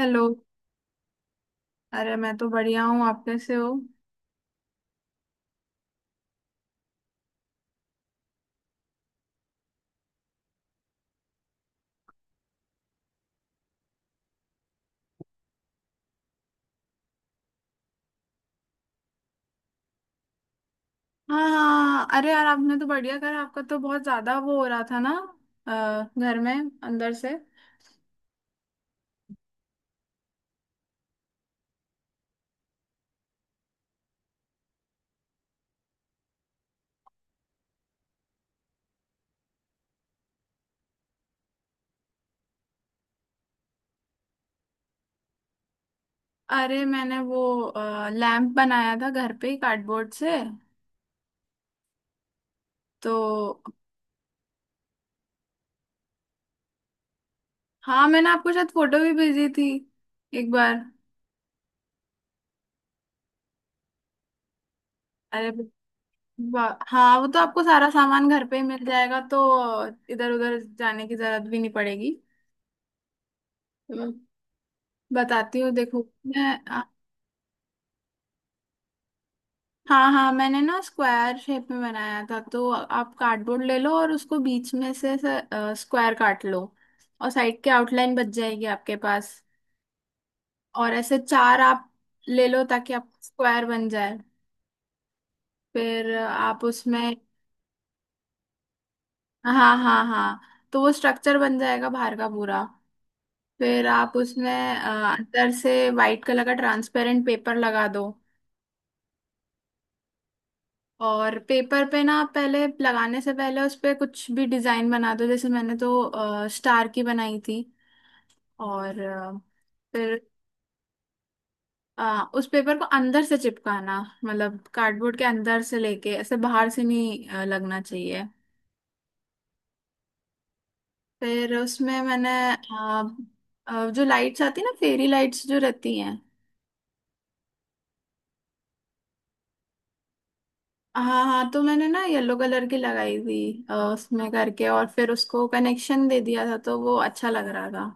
Hello. अरे, मैं तो बढ़िया हूँ, आप कैसे हो? हाँ हाँ, अरे यार, आपने तो बढ़िया करा, आपका तो बहुत ज्यादा वो हो रहा था ना, घर में, अंदर से। अरे, मैंने वो लैंप बनाया था घर पे ही कार्डबोर्ड से तो। हाँ, मैंने आपको शायद फोटो भी भेजी थी एक बार। अरे वाह, हाँ, वो तो आपको सारा सामान घर पे ही मिल जाएगा, तो इधर उधर जाने की जरूरत भी नहीं पड़ेगी, तो बताती हूँ, देखो मैं। हाँ हाँ, मैंने ना स्क्वायर शेप में बनाया था। तो आप कार्डबोर्ड ले लो और उसको बीच में से स्क्वायर काट लो, और साइड के आउटलाइन बच जाएगी आपके पास, और ऐसे चार आप ले लो ताकि आप स्क्वायर बन जाए। फिर आप उसमें। हाँ हाँ हाँ। तो वो स्ट्रक्चर बन जाएगा बाहर का पूरा। फिर आप उसमें अंदर से वाइट कलर का ट्रांसपेरेंट पेपर लगा दो। और पेपर पे ना, पहले लगाने से पहले उस पे कुछ भी डिजाइन बना दो, जैसे मैंने तो स्टार की बनाई थी। और फिर उस पेपर को अंदर से चिपकाना, मतलब कार्डबोर्ड के अंदर से लेके, ऐसे बाहर से नहीं लगना चाहिए। फिर उसमें मैंने जो लाइट्स आती है ना, फेरी लाइट्स जो रहती हैं। हाँ हाँ, तो मैंने ना येलो कलर की लगाई थी उसमें करके, और फिर उसको कनेक्शन दे दिया था, तो वो अच्छा लग रहा था।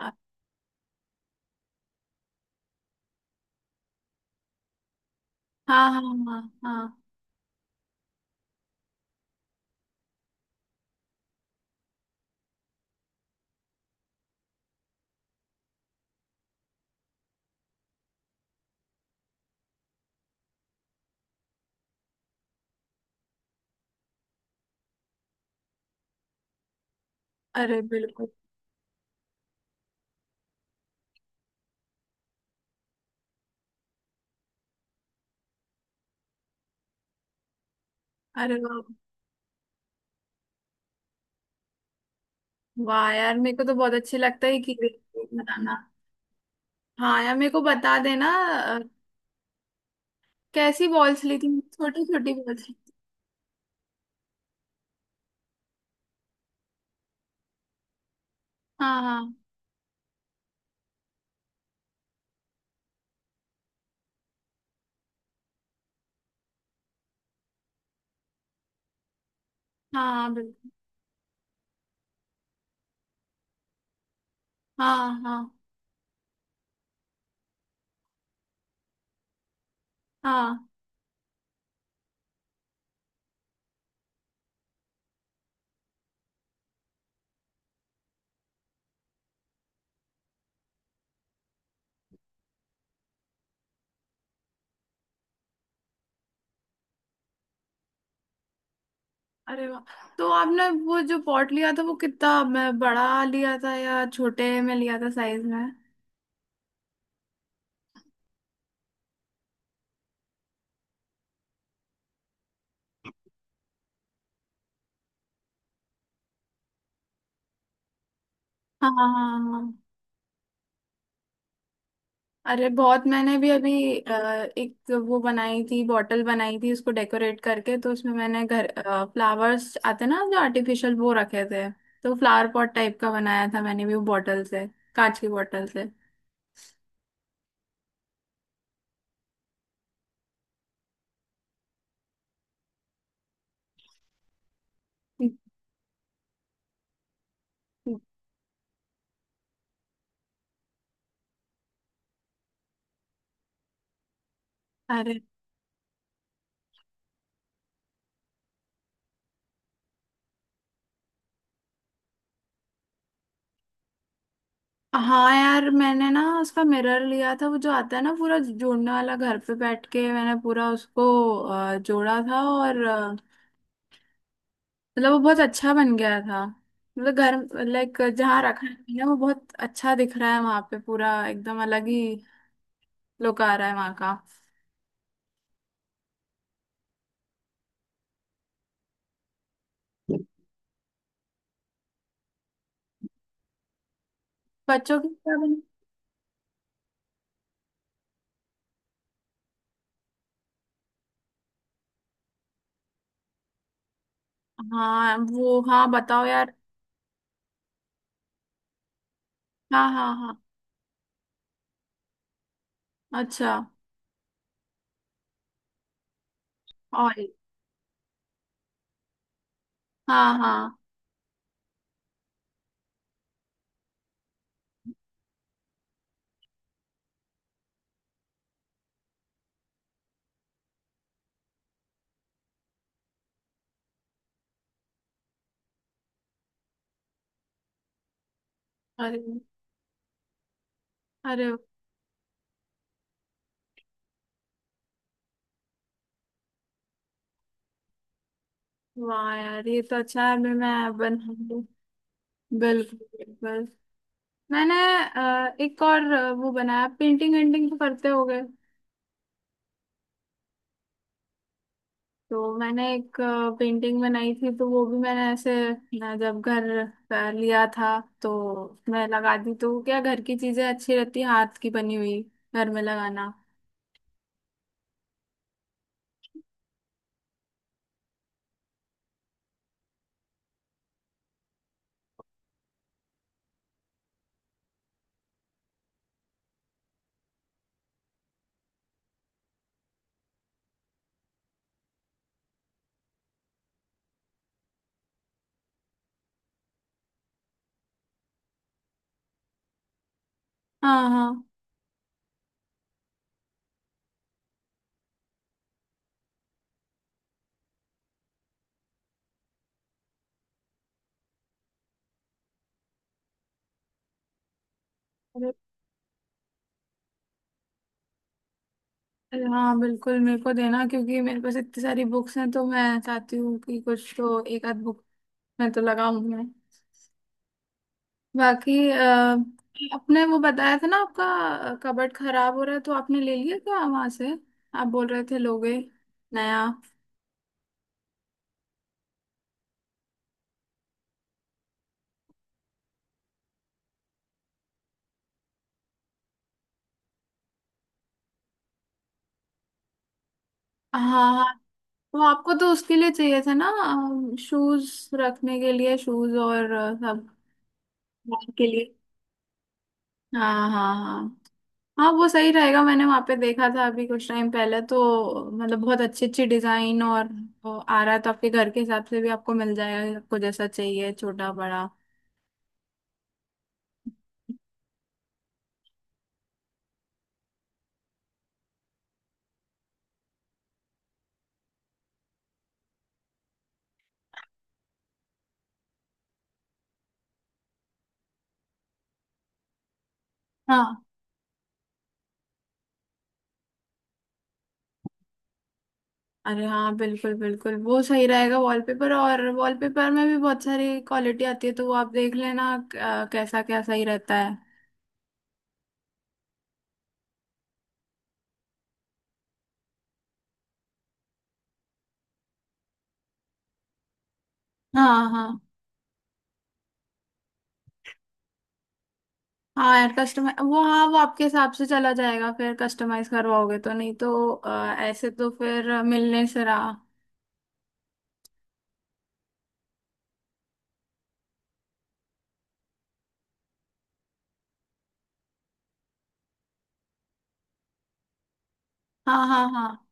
हाँ हाँ हाँ हाँ। अरे बिल्कुल। अरे वाह। वाह यार, मेरे को तो बहुत अच्छे लगता है कि, बताना। हाँ यार, मेरे को बता देना। अ, कैसी बॉल्स ली थी, छोटी छोटी बॉल्स ली थी? हाँ हाँ। हाँ हाँ, बिल्कुल। हाँ हाँ हाँ। अरे वाह, तो आपने वो जो पॉट लिया था वो कितना बड़ा लिया था या छोटे में लिया था साइज में? हाँ हाँ हाँ हाँ। अरे बहुत, मैंने भी अभी अ, एक वो बनाई थी, बॉटल बनाई थी, उसको डेकोरेट करके। तो उसमें मैंने घर फ्लावर्स आते ना जो आर्टिफिशियल, वो रखे थे, तो फ्लावर पॉट टाइप का बनाया था मैंने भी, वो बॉटल से, कांच की बॉटल से। अरे हाँ यार, मैंने ना उसका मिरर लिया था, वो जो आता है ना पूरा जोड़ने वाला, घर पे बैठ के मैंने पूरा उसको जोड़ा था, और मतलब वो बहुत अच्छा बन गया था। मतलब घर लाइक जहाँ रखा है ना, वो बहुत अच्छा दिख रहा है, वहां पे पूरा एकदम अलग ही लुक आ रहा है वहां का। बच्चों के क्या हाँ वो, हाँ बताओ यार। हाँ हाँ हाँ। अच्छा। और। हाँ हाँ। अरे। अरे वाह यार, ये तो अच्छा है, मैं बनाऊंगी। बिल्कुल बिल्कुल। मैंने एक और वो बनाया, पेंटिंग वेंटिंग तो करते होगे। तो मैंने एक पेंटिंग बनाई थी, तो वो भी मैंने ऐसे जब घर लिया था, तो मैं लगा दी। तो क्या, घर की चीजें अच्छी रहती हैं, हाथ की बनी हुई, घर में लगाना। हाँ हाँ। अरे हाँ बिल्कुल, मेरे को देना, क्योंकि मेरे पास इतनी सारी बुक्स हैं, तो मैं चाहती हूँ कि कुछ तो एक आध बुक मैं तो लगाऊं मैं। बाकी आपने वो बताया था ना, आपका कबर्ड खराब हो रहा है, तो आपने ले लिया क्या वहां से? आप बोल रहे थे लोगे नया। हाँ हाँ, वो आपको तो उसके लिए चाहिए था ना, शूज रखने के लिए, शूज और सब, बैग के लिए। हाँ हाँ हाँ। हाँ वो सही रहेगा, मैंने वहां पे देखा था अभी कुछ टाइम पहले, तो मतलब बहुत अच्छी अच्छी डिजाइन और वो आ रहा है, तो आपके घर के हिसाब से भी आपको मिल जाएगा, आपको जैसा चाहिए, छोटा बड़ा। हाँ। अरे हाँ बिल्कुल बिल्कुल, वो सही रहेगा। वॉलपेपर और वॉलपेपर में भी बहुत सारी क्वालिटी आती है, तो वो आप देख लेना कैसा क्या सही रहता है। हाँ हाँ। हाँ यार कस्टमाइज, वो हाँ, वो आपके हिसाब से चला जाएगा फिर, कस्टमाइज करवाओगे तो। नहीं तो ऐसे तो फिर मिलने से रहा। हाँ हाँ हाँ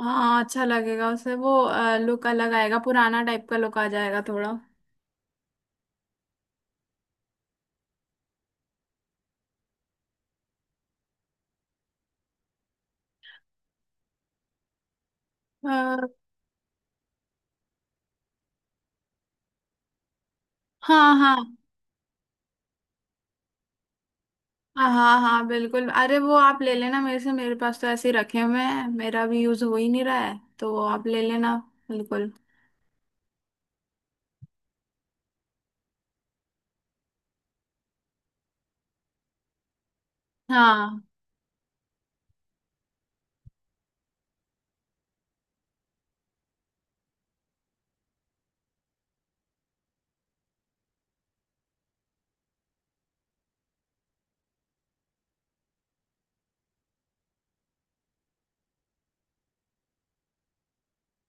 हाँ, अच्छा लगेगा उसे, वो लुक अलग आएगा, पुराना टाइप का लुक आ जाएगा थोड़ा। अ, हाँ हाँ हाँ हाँ हाँ बिल्कुल, अरे वो आप ले लेना मेरे से, मेरे पास तो ऐसे ही रखे हुए हैं, मेरा भी यूज हो ही नहीं रहा है, तो आप ले लेना, बिल्कुल। हाँ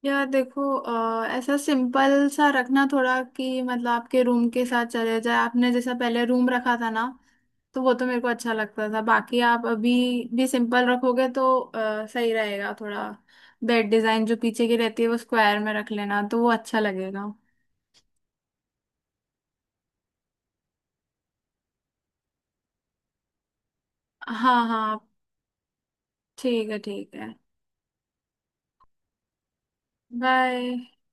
यार देखो, ऐसा सिंपल सा रखना थोड़ा कि, मतलब आपके रूम के साथ चले जाए, आपने जैसा पहले रूम रखा था ना, तो वो तो मेरे को अच्छा लगता था। बाकी आप अभी भी सिंपल रखोगे तो सही रहेगा थोड़ा। बेड डिजाइन जो पीछे की रहती है, वो स्क्वायर में रख लेना तो वो अच्छा लगेगा। हाँ हाँ। ठीक है, ठीक है। बाय।